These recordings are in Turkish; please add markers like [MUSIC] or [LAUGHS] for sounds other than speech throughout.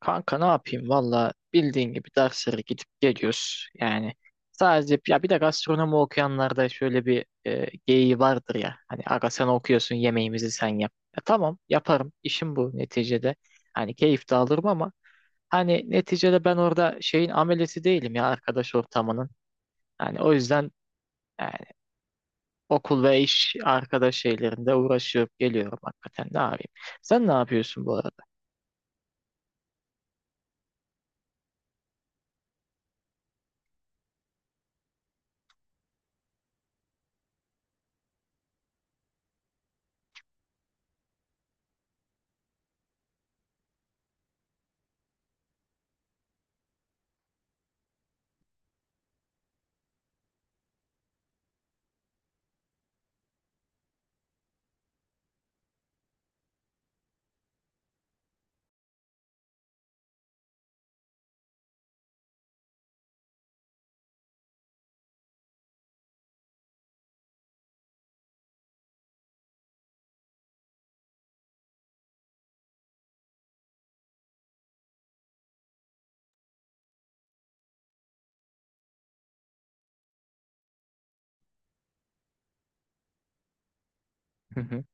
Kanka ne yapayım valla bildiğin gibi derslere gidip geliyoruz. Yani sadece ya bir de gastronomi okuyanlarda şöyle bir geyiği vardır ya. Hani aga sen okuyorsun yemeğimizi sen yap. Ya tamam yaparım işim bu neticede. Hani keyif de alırım ama hani neticede ben orada şeyin amelesi değilim ya arkadaş ortamının. Hani o yüzden yani okul ve iş arkadaş şeylerinde uğraşıp geliyorum hakikaten ne yapayım. Sen ne yapıyorsun bu arada? Hı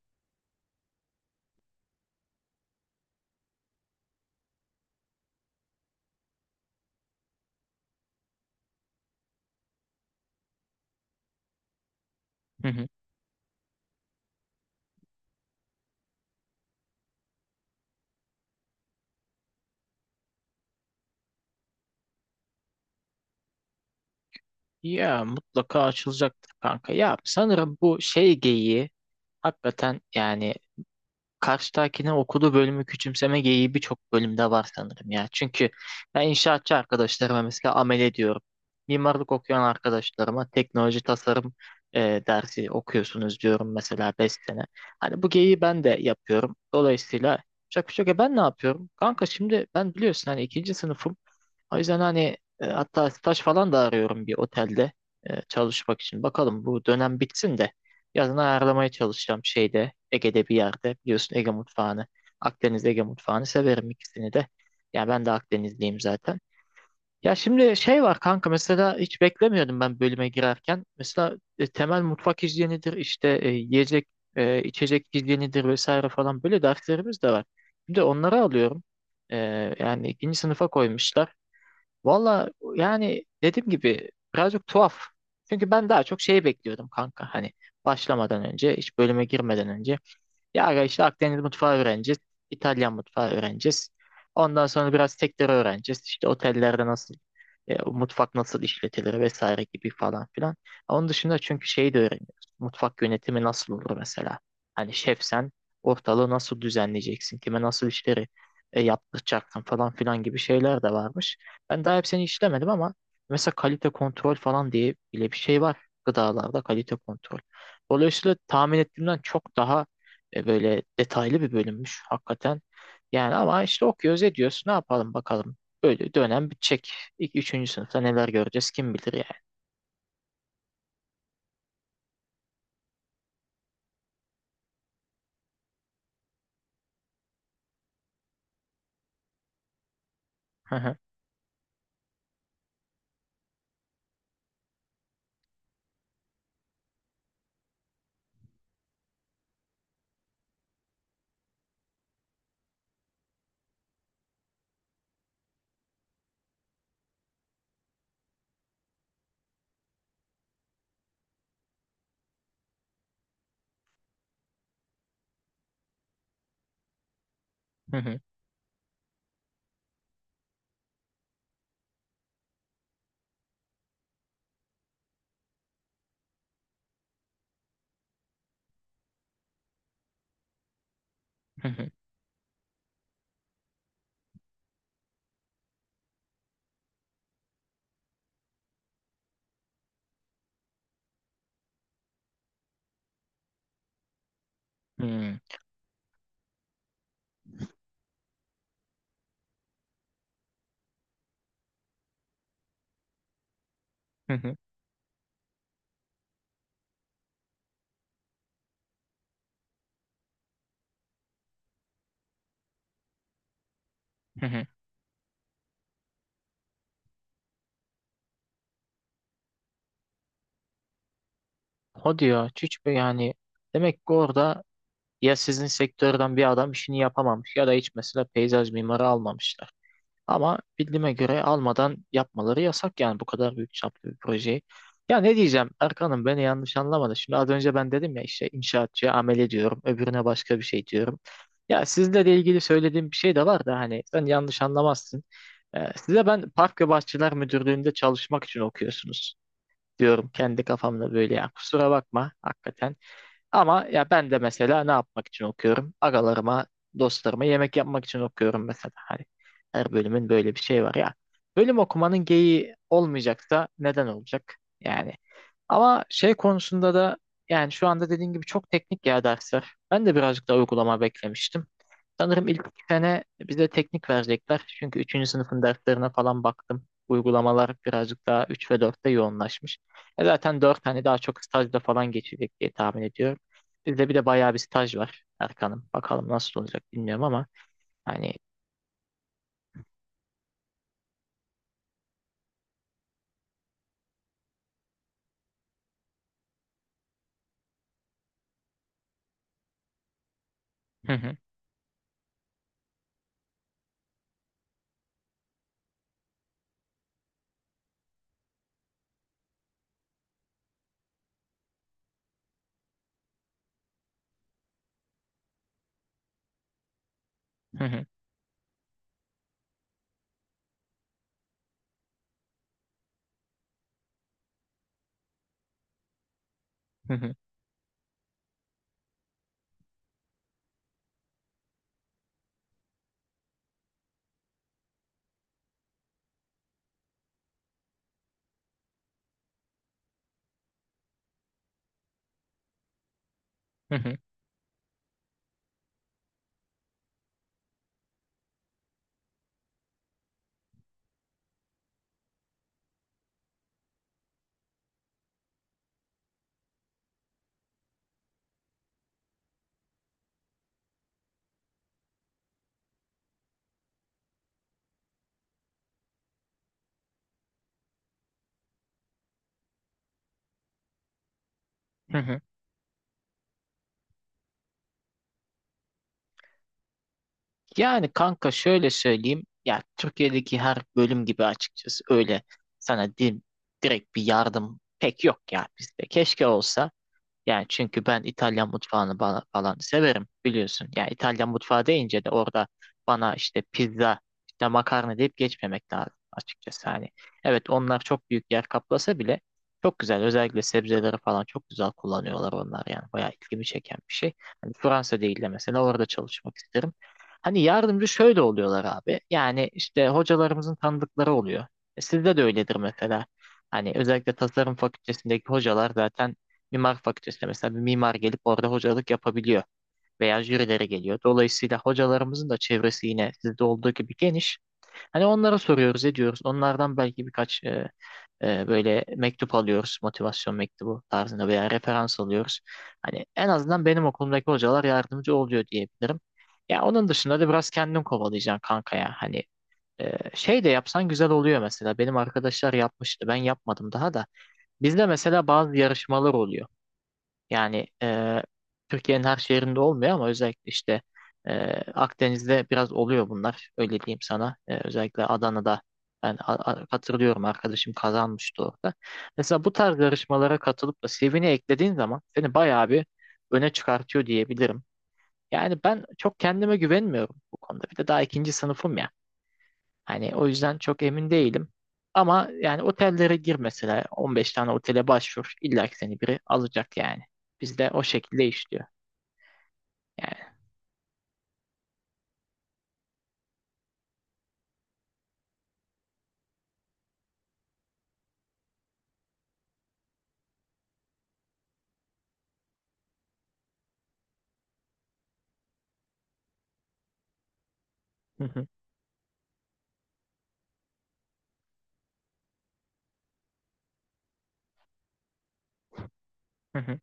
hı. Ya mutlaka açılacaktır kanka. Ya sanırım bu şey geyiği hakikaten yani karşıdakine okuduğu bölümü küçümseme geyiği birçok bölümde var sanırım ya. Çünkü ben inşaatçı arkadaşlarıma mesela amele diyorum. Mimarlık okuyan arkadaşlarıma teknoloji tasarım dersi okuyorsunuz diyorum mesela 5 sene. Hani bu geyiği ben de yapıyorum. Dolayısıyla şaka şaka ben ne yapıyorum? Kanka şimdi ben biliyorsun hani ikinci sınıfım. O yüzden hani hatta staj falan da arıyorum bir otelde çalışmak için. Bakalım bu dönem bitsin de. Yazın ayarlamaya çalışacağım şeyde Ege'de bir yerde. Biliyorsun Ege mutfağını, Akdeniz Ege mutfağını severim ikisini de. Yani ben de Akdenizliyim zaten. Ya şimdi şey var kanka mesela hiç beklemiyordum ben bölüme girerken. Mesela temel mutfak hijyenidir işte yiyecek içecek hijyenidir vesaire falan böyle derslerimiz de var. Şimdi onları alıyorum. E, Yani ikinci sınıfa koymuşlar. Valla yani dediğim gibi birazcık tuhaf. Çünkü ben daha çok şeyi bekliyordum kanka. Hani başlamadan önce, hiç bölüme girmeden önce. Ya aga işte Akdeniz mutfağı öğreneceğiz. İtalyan mutfağı öğreneceğiz. Ondan sonra biraz tekrar öğreneceğiz. İşte otellerde nasıl mutfak nasıl işletilir vesaire gibi falan filan. Onun dışında çünkü şeyi de öğreniyoruz. Mutfak yönetimi nasıl olur mesela? Hani şefsen ortalığı nasıl düzenleyeceksin? Kime nasıl işleri yaptıracaksın falan filan gibi şeyler de varmış. Ben daha hepsini işlemedim ama mesela kalite kontrol falan diye bile bir şey var gıdalarda kalite kontrol. Dolayısıyla tahmin ettiğimden çok daha böyle detaylı bir bölümmüş hakikaten. Yani ama işte okuyoruz ediyoruz. Ne yapalım bakalım. Böyle dönem bitecek. İlk üçüncü sınıfta neler göreceğiz kim bilir yani. Hı hı, hı hı, hı hı, hı hı, hı hı. O diyor hiç böyle yani demek ki orada ya sizin sektörden bir adam işini yapamamış ya da hiç mesela peyzaj mimarı almamışlar. Ama bildiğime göre almadan yapmaları yasak yani bu kadar büyük çaplı bir projeyi. Ya ne diyeceğim Erkan'ım beni yanlış anlamadı. Şimdi az önce ben dedim ya işte inşaatçıya amele diyorum, öbürüne başka bir şey diyorum. Ya sizle de ilgili söylediğim bir şey de var da hani sen yanlış anlamazsın. Size ben Park ve Bahçeler Müdürlüğü'nde çalışmak için okuyorsunuz diyorum kendi kafamda böyle ya kusura bakma hakikaten. Ama ya ben de mesela ne yapmak için okuyorum? Agalarıma, dostlarıma yemek yapmak için okuyorum mesela. Hani her bölümün böyle bir şey var ya. Bölüm okumanın geyiği olmayacaksa neden olacak? Yani ama şey konusunda da yani şu anda dediğin gibi çok teknik ya dersler. Ben de birazcık daha uygulama beklemiştim. Sanırım ilk iki sene bize teknik verecekler. Çünkü üçüncü sınıfın derslerine falan baktım. Uygulamalar birazcık daha 3 ve dörtte yoğunlaşmış. Zaten 4 hani daha çok stajda falan geçecek diye tahmin ediyorum. Bizde bir de bayağı bir staj var Erkan'ım. Bakalım nasıl olacak bilmiyorum ama hani hı hı, hı hı, hı hı, hı hı, hı hı. Yani kanka şöyle söyleyeyim ya Türkiye'deki her bölüm gibi açıkçası öyle sana direkt bir yardım pek yok ya bizde. Keşke olsa. Yani çünkü ben İtalyan mutfağını bana, falan severim biliyorsun. Yani İtalyan mutfağı deyince de orada bana işte pizza, işte makarna deyip geçmemek lazım açıkçası. Hani evet onlar çok büyük yer kaplasa bile çok güzel. Özellikle sebzeleri falan çok güzel kullanıyorlar onlar yani. Bayağı ilgimi çeken bir şey. Hani Fransa değil de mesela orada çalışmak isterim. Hani yardımcı şöyle oluyorlar abi. Yani işte hocalarımızın tanıdıkları oluyor. Sizde de öyledir mesela. Hani özellikle tasarım fakültesindeki hocalar zaten mimar fakültesinde mesela bir mimar gelip orada hocalık yapabiliyor veya jürilere geliyor. Dolayısıyla hocalarımızın da çevresi yine sizde olduğu gibi geniş. Hani onlara soruyoruz, ediyoruz. Onlardan belki birkaç böyle mektup alıyoruz, motivasyon mektubu tarzında veya referans alıyoruz. Hani en azından benim okulumdaki hocalar yardımcı oluyor diyebilirim. Ya onun dışında da biraz kendin kovalayacaksın kanka ya. Hani şey de yapsan güzel oluyor mesela. Benim arkadaşlar yapmıştı. Ben yapmadım daha da. Bizde mesela bazı yarışmalar oluyor. Yani Türkiye'nin her şehrinde olmuyor ama özellikle işte e, Akdeniz'de biraz oluyor bunlar. Öyle diyeyim sana. Özellikle Adana'da ben hatırlıyorum arkadaşım kazanmıştı orada. Mesela bu tarz yarışmalara katılıp da CV'ni eklediğin zaman seni bayağı bir öne çıkartıyor diyebilirim. Yani ben çok kendime güvenmiyorum bu konuda. Bir de daha ikinci sınıfım ya. Hani o yüzden çok emin değilim. Ama yani otellere gir mesela 15 tane otele başvur. İlla ki seni biri alacak yani. Bizde o şekilde işliyor. Yani hı hı, hı hı.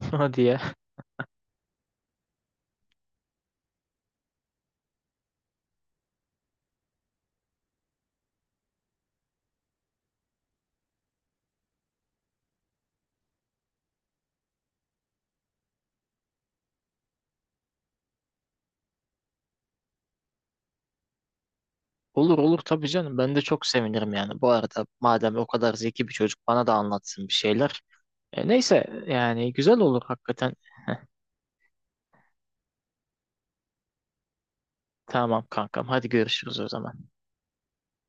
[LAUGHS] Hadi ya. Olur olur tabii canım. Ben de çok sevinirim yani. Bu arada madem o kadar zeki bir çocuk bana da anlatsın bir şeyler. Neyse yani güzel olur hakikaten. Tamam kankam. Hadi görüşürüz o zaman.